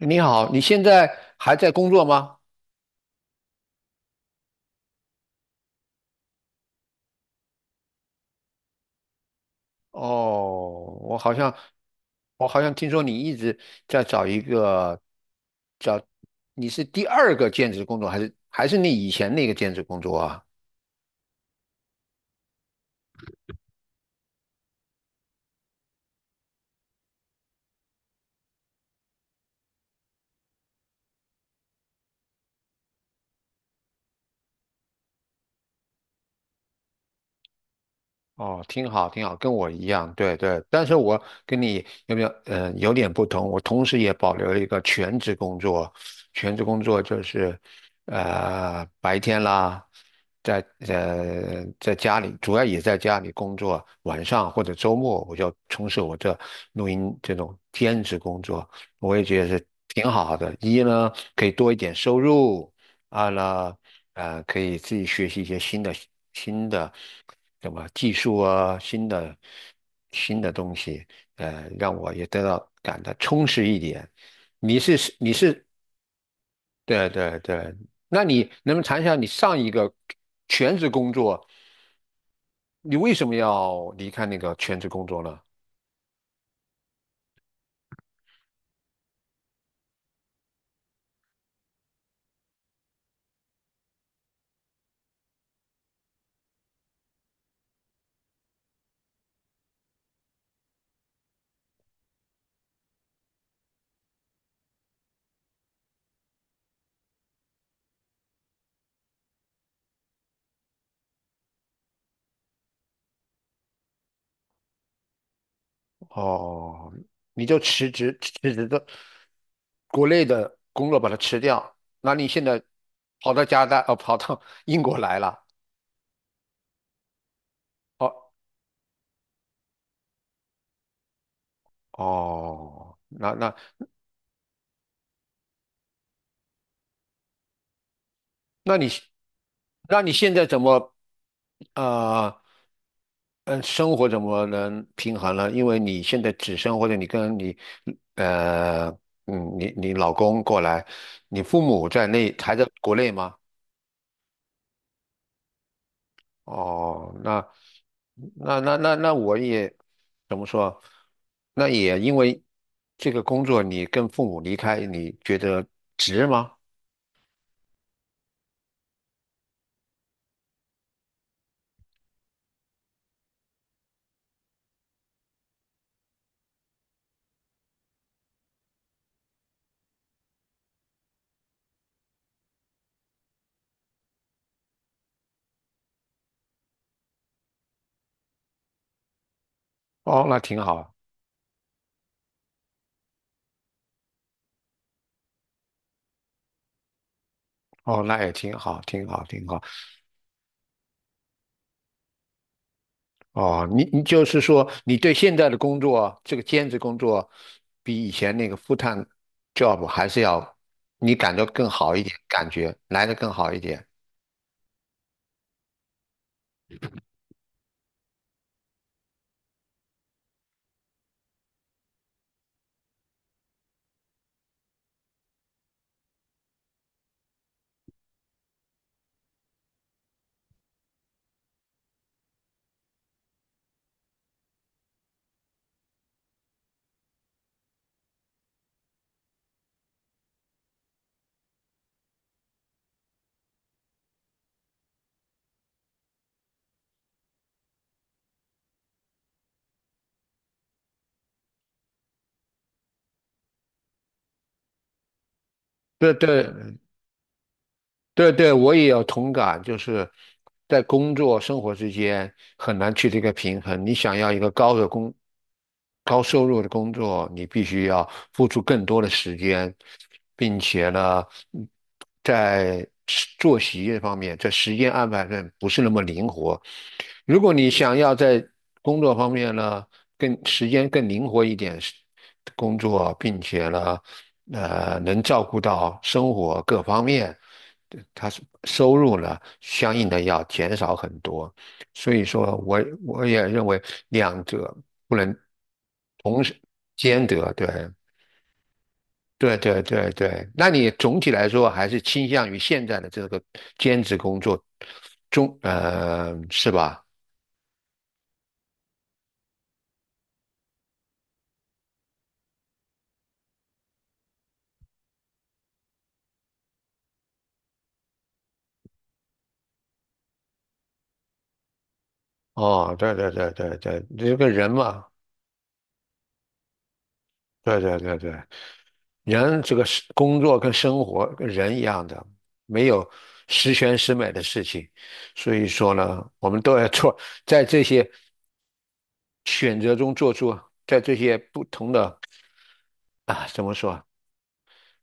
你好，你现在还在工作吗？哦，我好像，我好像听说你一直在找一个，找，你是第二个兼职工作，还是你以前那个兼职工作啊？哦，挺好，挺好，跟我一样，对对。但是我跟你有没有，嗯、有点不同。我同时也保留了一个全职工作，全职工作就是，白天啦，在在家里，主要也在家里工作，晚上或者周末我就从事我这录音这种兼职工作，我也觉得是挺好的。一呢，可以多一点收入；二呢，可以自己学习一些新的什么技术啊，新的东西，让我也感到充实一点。你是你是对对对，那你能不能谈一下你上一个全职工作，你为什么要离开那个全职工作呢？哦，你就辞职的国内的工作把它辞掉，那你现在跑到加拿大，哦，跑到 英国来了。哦。哦，那你那你现在怎么啊？嗯，生活怎么能平衡呢？因为你现在或者你跟你呃嗯你你老公过来，你父母在内还在国内吗？哦，那怎么说？那也因为这个工作，你跟父母离开，你觉得值吗？哦，那挺好。哦，那也挺好，挺好，挺好。哦，你就是说，你对现在的工作，这个兼职工作，比以前那个 f u job 还是要，你感觉来的更好一点。对对对对，我也有同感，就是在工作生活之间很难去这个平衡。你想要一个高收入的工作，你必须要付出更多的时间，并且呢，嗯作息这方面，在时间安排上不是那么灵活。如果你想要在工作方面呢，更时间更灵活一点是工作，并且呢，能照顾到生活各方面。对他是收入呢，相应的要减少很多，所以说我也认为两者不能同时兼得，对。对对对对，那你总体来说还是倾向于现在的这个兼职工作中，是吧？哦，对对对对对，这个人嘛，对对对对，人这个是工作跟生活跟人一样的，没有十全十美的事情，所以说呢，我们都要做，在这些选择中做出，在这些不同的啊，怎么说，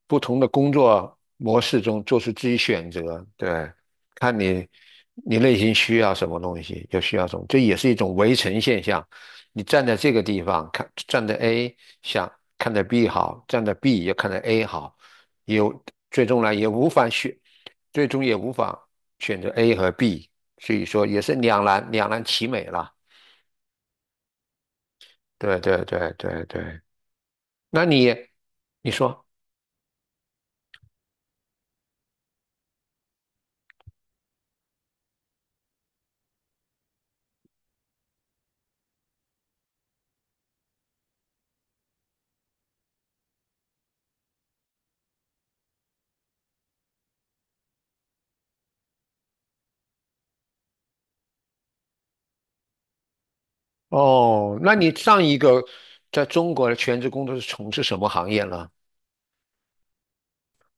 不同的工作模式中做出自己选择，对，看你内心需要什么东西，就需要什么，这也是一种围城现象。你站在这个地方看，站在 A 想看着 B 好，站在 B 又看着 A 好，有最终呢也无法选，最终也无法选择 A 和 B，所以说也是两难其美了。对对对对对，那你你说。哦，那你上一个在中国的全职工作是从事什么行业呢？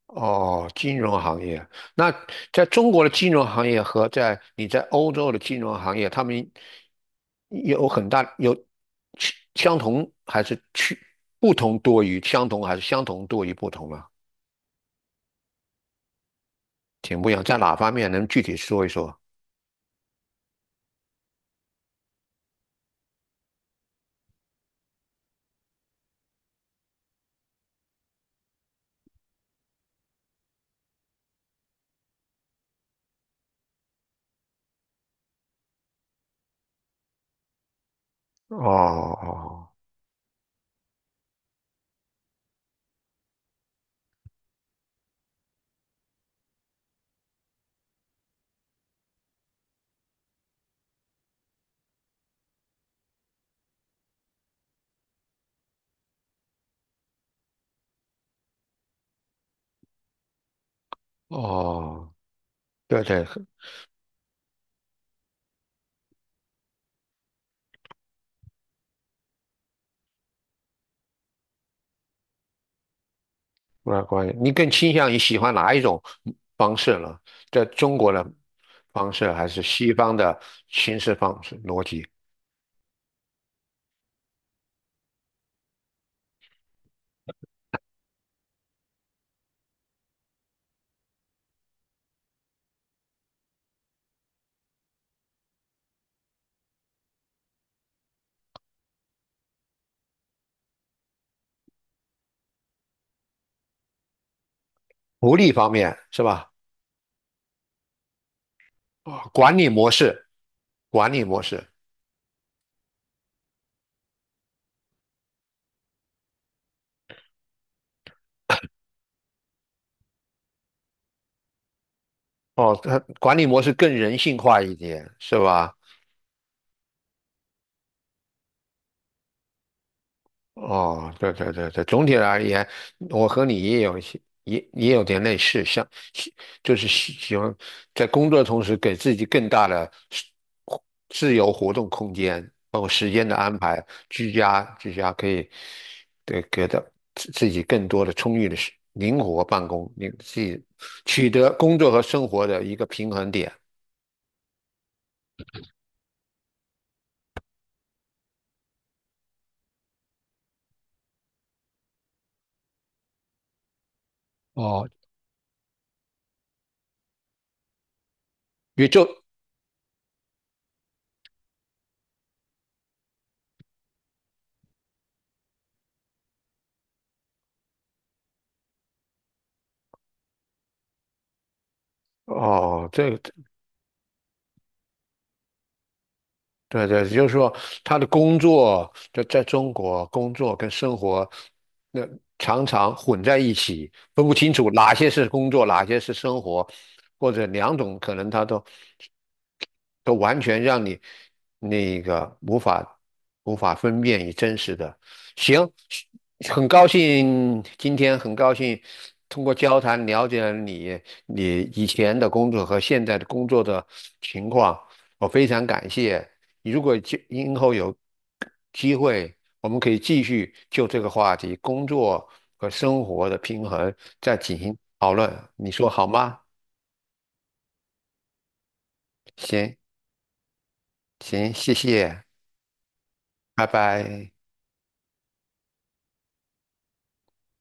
哦，金融行业。那在中国的金融行业和在你在欧洲的金融行业，他们有很大有区相同还是去不同多于相同还是相同多于不同呢？挺不一样，在哪方面能具体说一说？哦哦哦，对对，那关系，你更倾向于喜欢哪一种方式呢？在中国的方式，还是西方的形式方式逻辑？福利方面是吧？啊，管理模式，管理模式，哦，它管理模式更人性化一点，是吧？哦，对对对对，总体而言，我和你也有一些，也有点类似，像喜就是喜欢在工作的同时给自己更大的是自由活动空间，包括时间的安排，居家可以对给到自己更多的充裕的灵活办公，你自己取得工作和生活的一个平衡点。哦，也就哦，这对对，就是说他的工作在中国工作跟生活，那常常混在一起，分不清楚哪些是工作，哪些是生活，或者两种可能他都完全让你那个无法分辨与真实的。行，很高兴通过交谈了解了你以前的工作和现在的工作的情况，我非常感谢。如果今后有机会，我们可以继续就这个话题，工作和生活的平衡再进行讨论，你说好吗？行行，谢谢，拜拜。